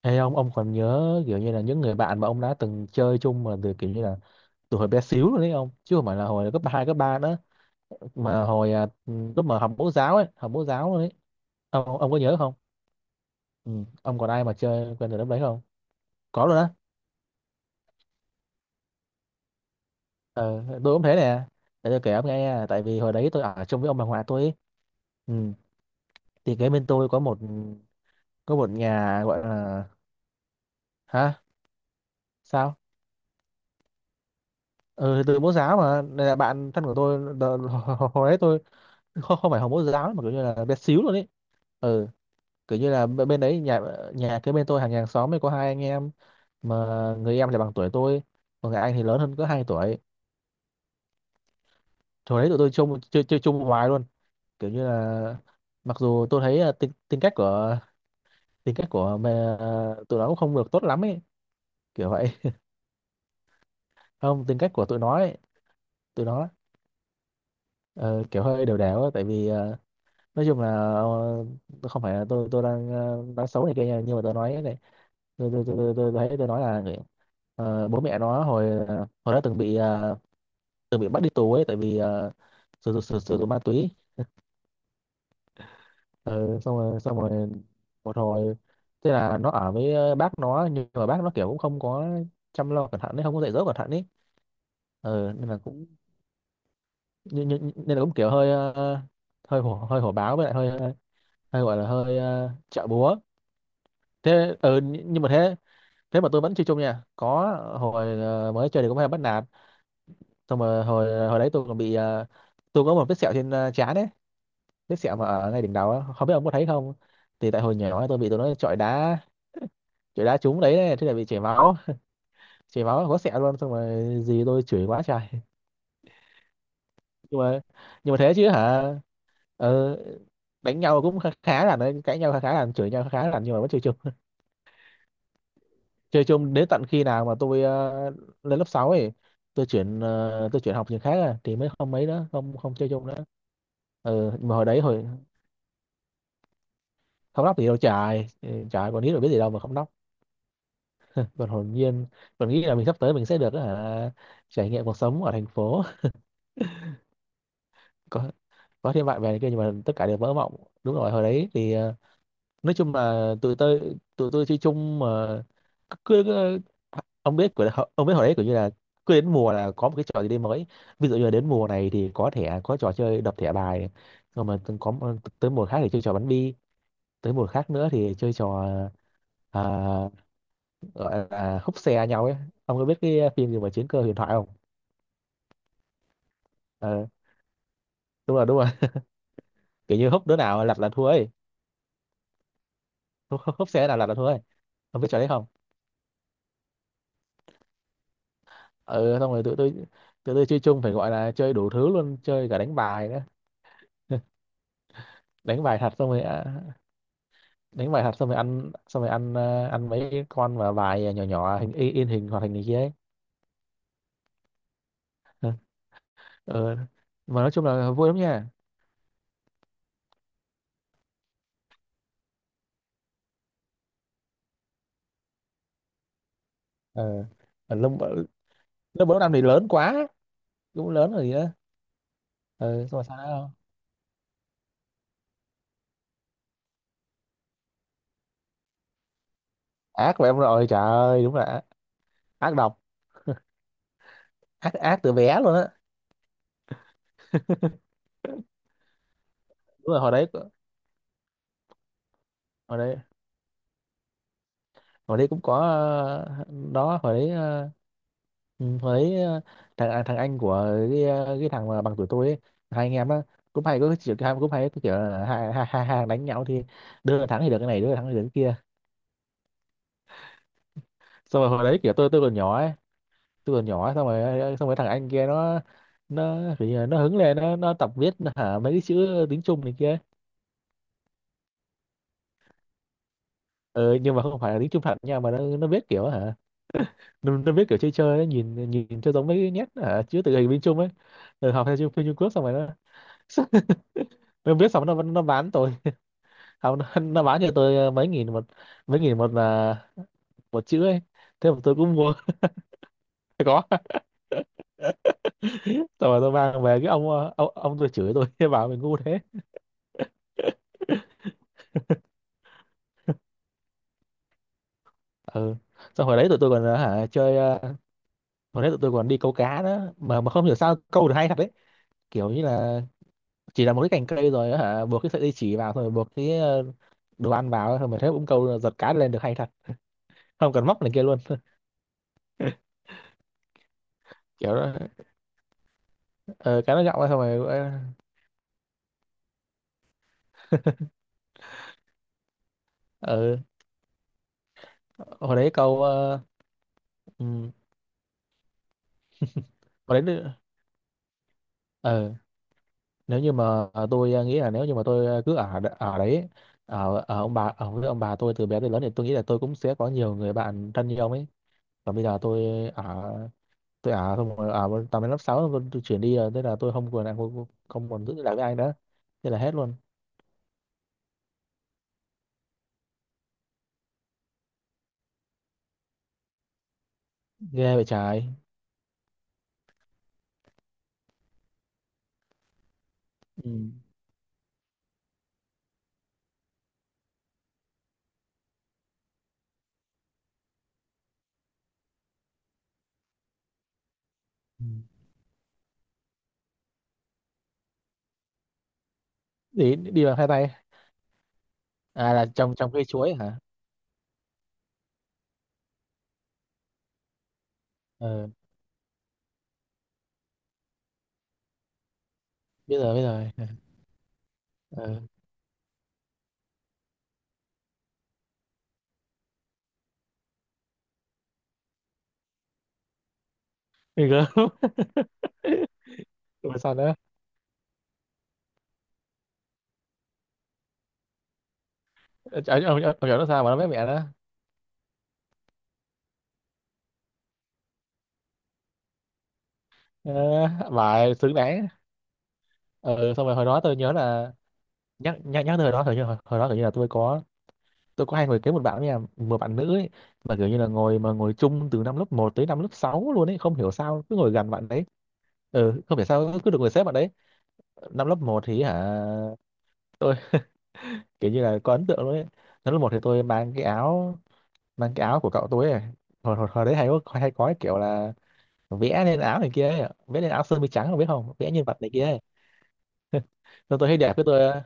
Ê ông còn nhớ kiểu như là những người bạn mà ông đã từng chơi chung mà từ kiểu như là từ hồi bé xíu luôn đấy ông, chứ không phải là hồi cấp 2, cấp 3 nữa, mà hồi lúc mà học mẫu giáo ấy, học mẫu giáo luôn ấy. Ông có nhớ không? Ừ. Ông còn ai mà chơi quen từ lúc đấy không? Có luôn á. Ờ, tôi cũng thế nè. Để tôi kể ông nghe nha, tại vì hồi đấy tôi ở chung với ông bà ngoại tôi ấy. Ừ. Thì kế bên tôi có một, có một nhà gọi là. Hả? Sao? Ừ, thì từ mẫu giáo mà nên là bạn thân của tôi hồi đấy tôi không không phải hồng mẫu giáo, mà kiểu như là bé xíu luôn ấy. Ừ. Kiểu như là bên đấy nhà, nhà cái bên tôi, hàng hàng xóm ấy, có hai anh em mà, người em thì bằng tuổi tôi, còn người anh thì lớn hơn có hai tuổi. Hồi đấy tụi tôi chung chơi chơi chung hoài luôn. Kiểu như là, mặc dù tôi thấy là tính tính cách của mẹ, tụi nó cũng không được tốt lắm ấy, kiểu vậy. Không, tính cách của tụi nó ấy, tụi nó ờ, kiểu hơi đều đều ấy, tại vì nói chung là, không phải là tôi đang nói xấu này kia nha, nhưng mà tôi nói này, tôi, thấy tôi nói là người, bố mẹ nó hồi hồi đó từng bị từng bị bắt đi tù ấy, tại vì sử dụng ma túy. Ờ, xong rồi, một hồi, thế là nó ở với bác nó, nhưng mà bác nó kiểu cũng không có chăm lo cẩn thận ấy, không có dạy dỗ cẩn thận ấy. Ờ, nên là cũng, nên, nên nên là cũng kiểu hơi hơi hổ báo, với lại hơi hơi gọi là hơi chợ búa. Thế ừ, nhưng mà thế, thế mà tôi vẫn chơi chung nha. Có, hồi mới chơi thì cũng hay bắt nạt, xong rồi hồi hồi đấy tôi còn bị tôi có một vết sẹo trên trán ấy. Vết sẹo mà ở ngay đỉnh đầu á, không biết ông có thấy không? Thì tại hồi nhỏ tôi bị tụi nó chọi đá, chọi đá trúng đấy này, thế là bị chảy máu, chảy máu có sẹo luôn, xong rồi gì tôi chửi quá trời. Nhưng mà, nhưng mà thế chứ hả. Ờ, đánh nhau cũng khá, khá là đấy, cãi nhau khá khá là, chửi nhau khá khá là, nhưng mà vẫn chơi chung. Chơi chung đến tận khi nào mà tôi lên lớp 6 ấy, tôi chuyển tôi chuyển học trường khác, thì mới không mấy đó, không không chơi chung nữa. Ừ, mà hồi đấy không đốc thì đâu trời, trời còn biết, rồi biết gì đâu mà không đốc, còn hồn nhiên, còn nghĩ là mình sắp tới mình sẽ được trải nghiệm cuộc sống ở thành phố. có có thêm bạn bè này kia, nhưng mà tất cả đều vỡ mộng. Đúng rồi, hồi đấy thì nói chung là tụi tôi chơi chung mà, cứ, ông biết của ông biết hồi đấy kiểu như là cứ đến mùa là có một cái trò gì đấy mới. Ví dụ như là đến mùa này thì có thẻ, có trò chơi đập thẻ bài rồi, mà từng có tới mùa khác thì chơi trò bắn bi, tới mùa khác nữa thì chơi trò à, gọi là húp xe nhau ấy. Ông có biết cái phim gì mà Chiến Cơ Huyền Thoại không? Ờ, đúng rồi, đúng rồi. Kiểu như húp đứa nào lật là thua ấy, húp xe nào lật là thua ấy. Ông biết trò đấy không? Ừ, xong rồi tụi tôi chơi chung phải gọi là chơi đủ thứ luôn, chơi cả đánh bài nữa. Đánh bài thật, xong rồi đánh bài thật xong rồi ăn, xong rồi ăn ăn mấy con mà bài nhỏ nhỏ hình in hình hoạt hình này kia ấy. Ờ, mà nói chung là vui lắm nha. Ờ, ở lớp, lớp bốn năm thì lớn quá, cũng lớn rồi gì nữa. Ờ, xong rồi sao nữa không? Ác của em rồi, trời ơi đúng là ác độc, ác ác từ bé luôn á. Đúng rồi, hồi đấy, hồi đấy hồi đấy cũng có ờ, đó, hồi đấy ừ, hồi đấy thằng anh của cái, cái thằng mà bằng tuổi tôi ấy, hai anh em á, cũng hay có cái kiểu, cũng hay có kiểu là hai hai hai hàng đánh nhau thì đứa là thắng thì được cái này, đứa là thắng thì được cái kia. Xong rồi hồi đấy kiểu tôi còn nhỏ ấy, tôi còn nhỏ ấy, xong rồi xong rồi thằng anh kia nó kiểu như là nó hứng lên nó tập viết hả mấy cái chữ tiếng Trung này kia. Ừ, nhưng mà không phải là tiếng Trung thật nha, mà nó viết kiểu hả, nó biết kiểu chơi chơi ấy, nhìn nhìn cho giống mấy nét ở chữ tự hình bên Trung ấy. Rồi học theo phim phim Trung Quốc, xong rồi nó, nó biết, xong nó bán tôi học nó bán cho tôi mấy nghìn một, mấy nghìn một là một chữ ấy. Thế mà tôi cũng mua. Có, xong rồi tôi mang về cái ông ông tôi chửi tôi, bảo mình ngu thế. Ừ, xong hồi đấy tụi tôi còn hả chơi hồi đấy tụi tôi còn đi câu cá đó mà không hiểu sao câu được hay thật đấy. Kiểu như là chỉ là một cái cành cây rồi á, hả buộc cái sợi dây chỉ vào, xong rồi buộc cái đồ ăn vào, xong rồi thấy cũng câu giật cá lên được hay thật, không cần móc này kia luôn, kiểu đó. Ờ, cá nó gặm ra xong rồi ờ, hồi đấy câu ừ, hồi đấy ờ, nếu như mà tôi nghĩ là nếu như mà tôi cứ ở ở đấy, ở ông bà, ở với ông bà tôi từ bé tới lớn, thì tôi nghĩ là tôi cũng sẽ có nhiều người bạn thân như ông ấy. Còn bây giờ tôi ở, tôi ở xong rồi ở tầm đến lớp 6 tôi chuyển đi rồi, thế là tôi không còn, không còn giữ lại với ai nữa, thế là hết luôn. Ghê vậy trời. Ừ. Ừ. Đi đi bằng hai tay. À, là trong, trong cây chuối hả? Ờ, biết rồi, biết rồi. Ờ, ghê gớm. Rồi sao nữa? Ờ, ông nhỏ nó sao mà nó với mẹ đó? Ờ, bà xứng đáng. Ừ, xong rồi hồi đó tôi nhớ là, nhắc nhắc nhắc tới hồi đó, thời như hồi đó kiểu như là tôi có, tôi có hay ngồi kế một bạn nha, một bạn nữ ấy, mà kiểu như là ngồi, mà ngồi chung từ năm lớp một tới năm lớp 6 luôn ấy, không hiểu sao cứ ngồi gần bạn đấy. Ừ, không hiểu sao cứ được người xếp bạn đấy. Năm lớp một thì hả, tôi kiểu như là có ấn tượng luôn ấy. Tháng lớp một thì tôi mang cái áo, mang cái áo của cậu tôi ấy. Hồi hồi, hồi đấy hay có, hay có cái kiểu là vẽ lên áo này kia ấy, vẽ lên áo sơ mi trắng, không biết, không vẽ nhân vật này kia ấy. Xong tôi thấy đẹp cái tôi,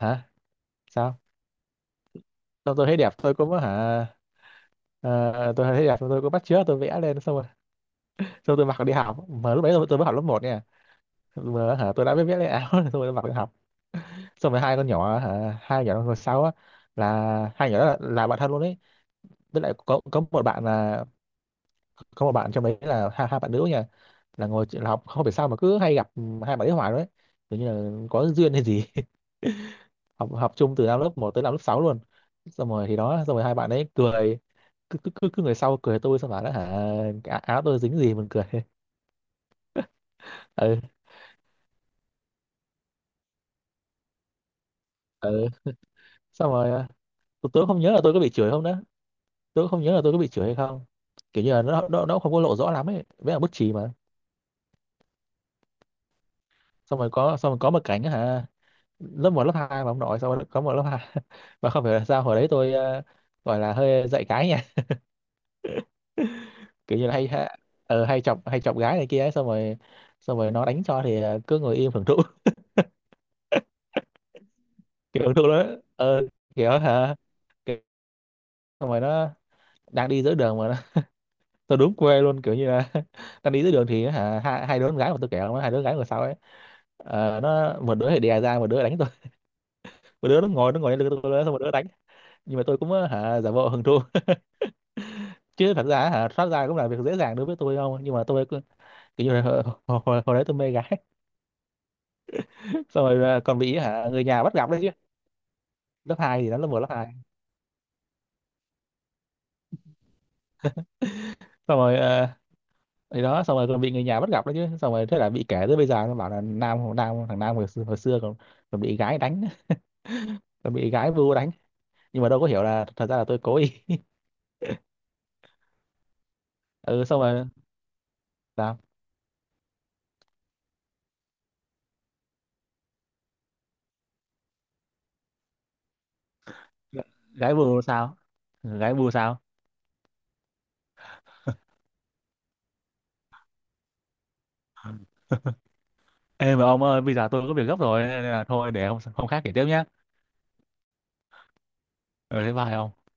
hả? Sao? Xong tôi thấy đẹp tôi cũng hả, ờ, tôi thấy đẹp xong tôi cũng bắt chước, tôi vẽ lên, xong rồi xong tôi mặc đi học. Mà lúc đấy tôi mới học lớp một nha, mà hả tôi đã biết vẽ lên áo. Xong rồi tôi mặc đi học, xong rồi hai con nhỏ hả, hai nhỏ ngồi sau á, là hai nhỏ đó là bạn thân luôn đấy. Với lại có một bạn là có một bạn trong đấy là hai bạn nữ nha, là ngồi, là học không phải, sao mà cứ hay gặp hai bạn ấy hoài đấy, kiểu như là có duyên hay gì. Học, học chung từ năm lớp một tới năm lớp 6 luôn, xong rồi thì đó, xong rồi hai bạn ấy cười. Cứ người sau cười tôi xong bảo đó hả, cái áo tôi dính gì mình cười. Ừ. Ừ, xong rồi tôi không nhớ là tôi có bị chửi không đó, tôi không nhớ là tôi có bị chửi hay không, kiểu như là nó không có lộ rõ lắm ấy, với là bút chì mà. Xong rồi có, xong rồi có một cảnh á hả, lớp một lớp 2 mà ông nội sau đó có một lớp hai. Mà không phải là sao, hồi đấy tôi gọi là hơi dạy cái nha. Kiểu như là hay hay, hay chọc gái này kia ấy, xong rồi, xong rồi nó đánh cho thì cứ ngồi im hưởng thụ. Kiểu hưởng thụ đó. Ờ, kiểu hả, kiểu, xong rồi nó đang đi giữa đường mà nó, tôi đúng quê luôn kiểu như là, đang đi giữa đường thì hả hai đứa con gái mà tôi kẹo nó, hai đứa con gái ngồi sau ấy, ờ, nó một đứa thì đè ra, một đứa đánh tôi. Một đứa nó ngồi, lên lưng tôi xong một đứa đánh. Nhưng mà tôi cũng hả giả bộ hưởng thụ, chứ thật ra hả thoát ra cũng là việc dễ dàng đối với tôi không, nhưng mà tôi cứ kiểu như là hồi đấy tôi mê gái. Xong rồi còn bị hả người nhà bắt gặp đấy chứ. Lớp hai thì đó, lớp một lớp hai, xong rồi thì đó xong rồi còn bị người nhà bắt gặp đấy chứ, xong rồi thế là bị kể tới bây giờ. Nó bảo là nam nam thằng Nam hồi xưa còn, còn bị gái đánh, còn bị gái vu đánh, nhưng mà đâu có hiểu là thật ra là tôi cố ý. Ừ, xong rồi sao? Gái vu sao? Ừ, gái vu sao? Ê mà ông ơi, bây giờ tôi có việc gấp rồi, nên là thôi để hôm khác kể tiếp nhé. Ừ, thế bye ông.